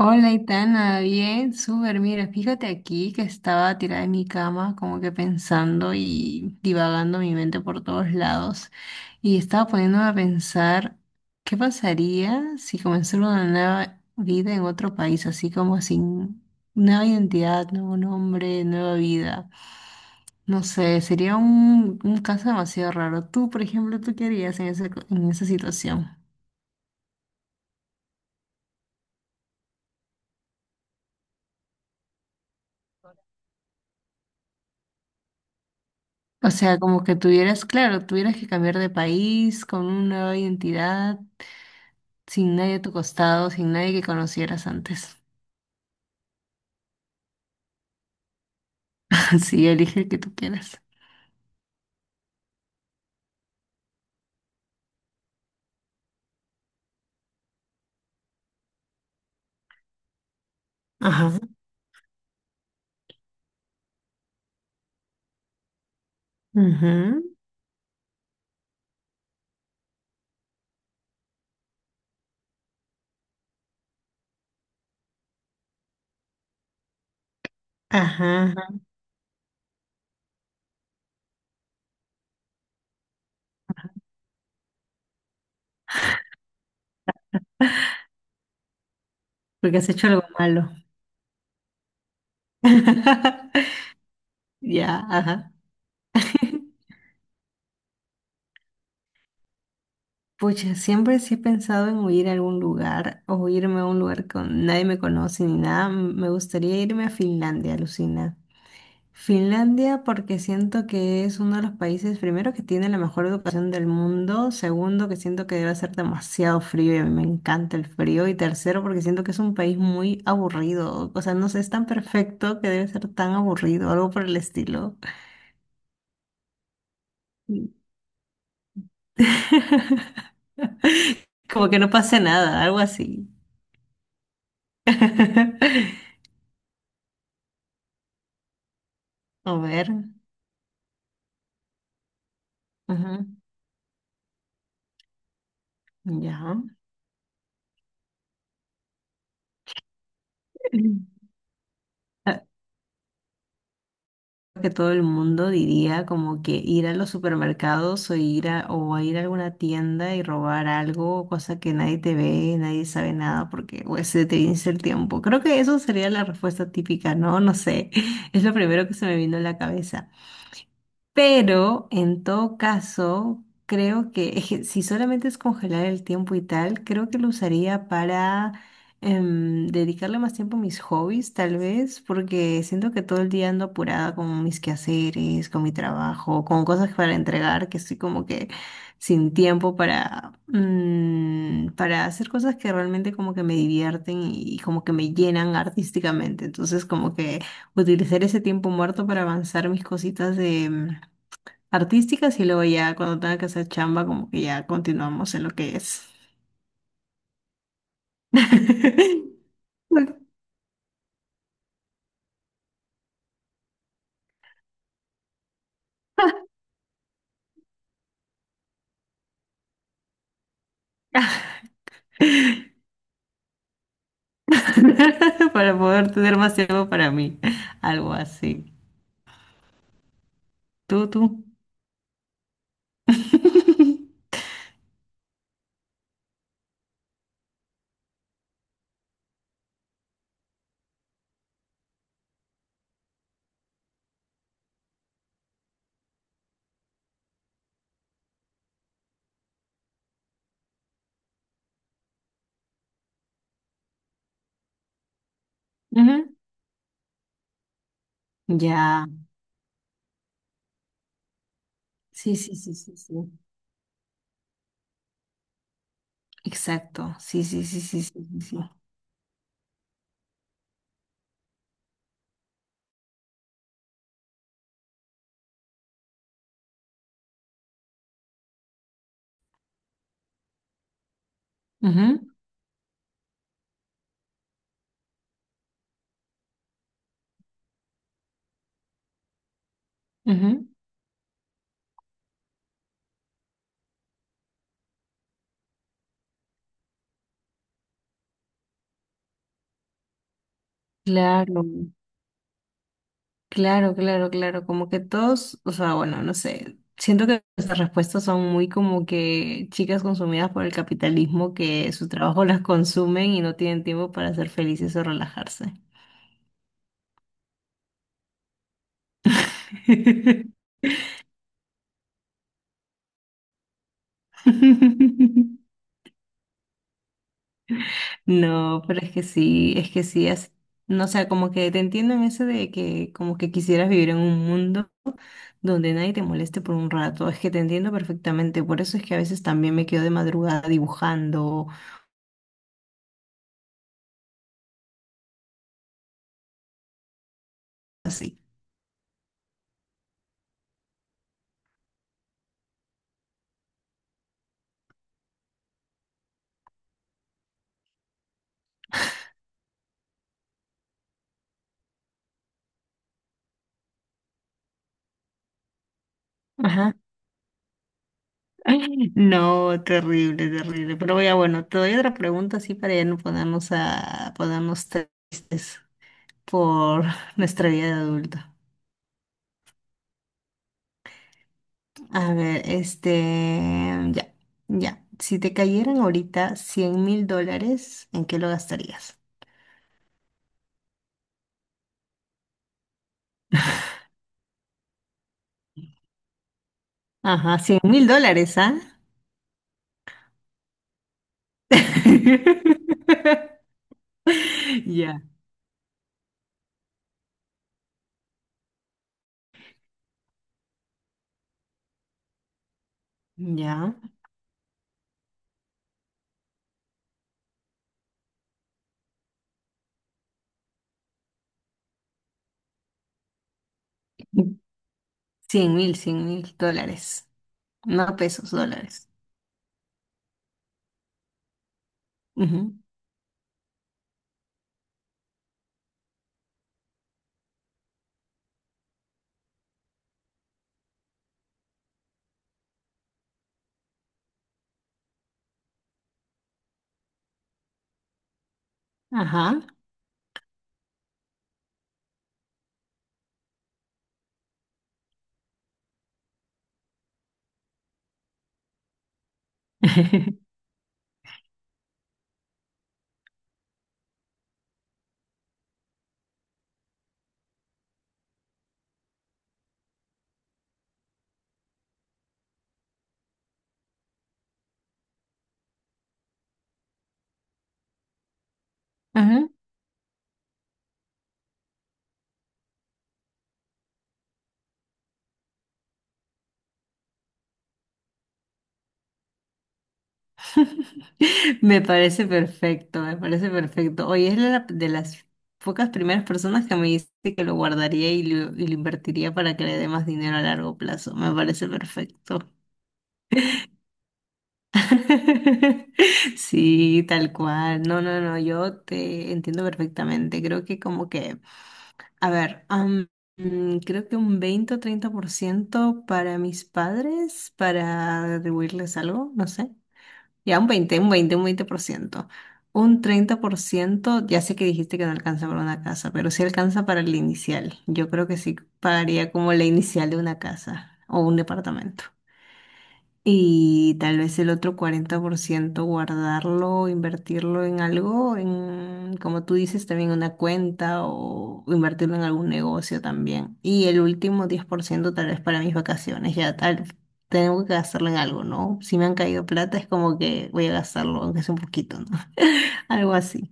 Hola, Itana, bien, súper. Mira, fíjate aquí que estaba tirada en mi cama, como que pensando y divagando mi mente por todos lados. Y estaba poniéndome a pensar, ¿qué pasaría si comenzara una nueva vida en otro país, así como sin nueva identidad, nuevo nombre, nueva vida? No sé, sería un caso demasiado raro. Tú, por ejemplo, ¿tú qué harías en esa situación? O sea, como que tuvieras, claro, tuvieras que cambiar de país con una nueva identidad, sin nadie a tu costado, sin nadie que conocieras antes. Sí, elige el que tú quieras. Ajá. Ujú. Ajá, ajá, porque has hecho algo malo. Ya, ajá. Pucha, siempre sí he pensado en huir a algún lugar o irme a un lugar con nadie me conoce ni nada. Me gustaría irme a Finlandia, alucina. Finlandia porque siento que es uno de los países, primero, que tiene la mejor educación del mundo, segundo, que siento que debe ser demasiado frío y a mí me encanta el frío, y tercero, porque siento que es un país muy aburrido, o sea, no sé, es tan perfecto que debe ser tan aburrido, algo por el estilo. Sí. Como que no pase nada, algo así. A ver, ujú, ya. Que todo el mundo diría como que ir a los supermercados o ir a, o a ir a alguna tienda y robar algo, cosa que nadie te ve, nadie sabe nada porque pues, se te vence el tiempo. Creo que eso sería la respuesta típica, ¿no? No sé, es lo primero que se me vino a la cabeza. Pero en todo caso, creo que, es que si solamente es congelar el tiempo y tal, creo que lo usaría para dedicarle más tiempo a mis hobbies, tal vez, porque siento que todo el día ando apurada con mis quehaceres, con mi trabajo, con cosas para entregar, que estoy como que sin tiempo para, para hacer cosas que realmente como que me divierten y como que me llenan artísticamente. Entonces, como que utilizar ese tiempo muerto para avanzar mis cositas de, artísticas y luego ya cuando tenga que hacer chamba, como que ya continuamos en lo que es. Ok. Para poder tener más tiempo para mí. Algo así. Tú, tú. Ujú. Ya. Sí, sí, sí, sí, sí. Exacto. Sí, sí, sí, sí, sí, sí, sí. Ujú, ujú. Claro. Claro, claro, claro, como que todos, o sea, bueno, no sé, siento que nuestras respuestas son muy como que chicas consumidas por el capitalismo que su trabajo las consumen y no tienen tiempo para ser felices o relajarse. No, pero es que sí, así- no sé, como que te entiendo en ese de que como que quisieras vivir en un mundo donde nadie te moleste por un rato, es que te entiendo perfectamente, por eso es que a veces también me quedo de madrugada dibujando, así. Ajá. No, terrible, terrible. Pero ya bueno, te doy otra pregunta así para ya no ponernos tristes por nuestra vida de adulto. A ver, este, ya, ya. Si te cayeran ahorita $100.000, ¿en qué lo gastarías? Ajá, $100.000, ¿ah? Ya, ya. 100 mil, $100.000. No pesos, dólares. Ujú. Ajá. Ajá. Me parece perfecto, me parece perfecto. Oye, es la- de las pocas primeras personas que me dice que lo guardaría y lo invertiría para que le dé más dinero a largo plazo. Me parece perfecto. Sí, tal cual. No, no, no, yo te entiendo perfectamente. Creo que como que, a ver, creo que un 20 o 30% para mis padres, para atribuirles algo, no sé. Ya un veinte %. Un 30%, ya sé que dijiste que no alcanza para una casa, pero sí alcanza para el inicial. Yo creo que sí pagaría como la inicial de una casa o un departamento. Y tal vez el otro 40% guardarlo, invertirlo en algo, en, como tú dices, también una cuenta o invertirlo en algún negocio también. Y el último 10% tal vez para mis vacaciones, ya tal, tengo que gastarlo en algo, ¿no? Si me han caído plata es como que voy a gastarlo, aunque sea un poquito, ¿no? Algo así.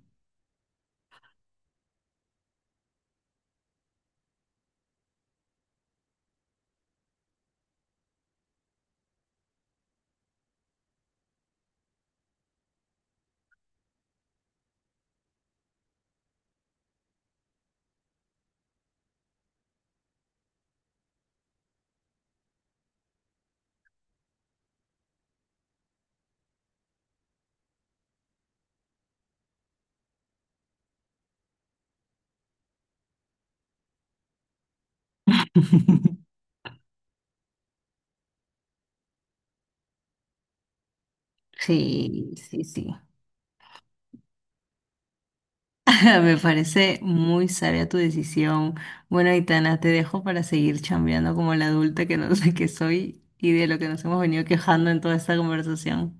Sí, sí, sí. Me parece muy sabia tu decisión. Bueno, Aitana, te dejo para seguir chambeando como la adulta que no sé qué soy y de lo que nos hemos venido quejando en toda esta conversación.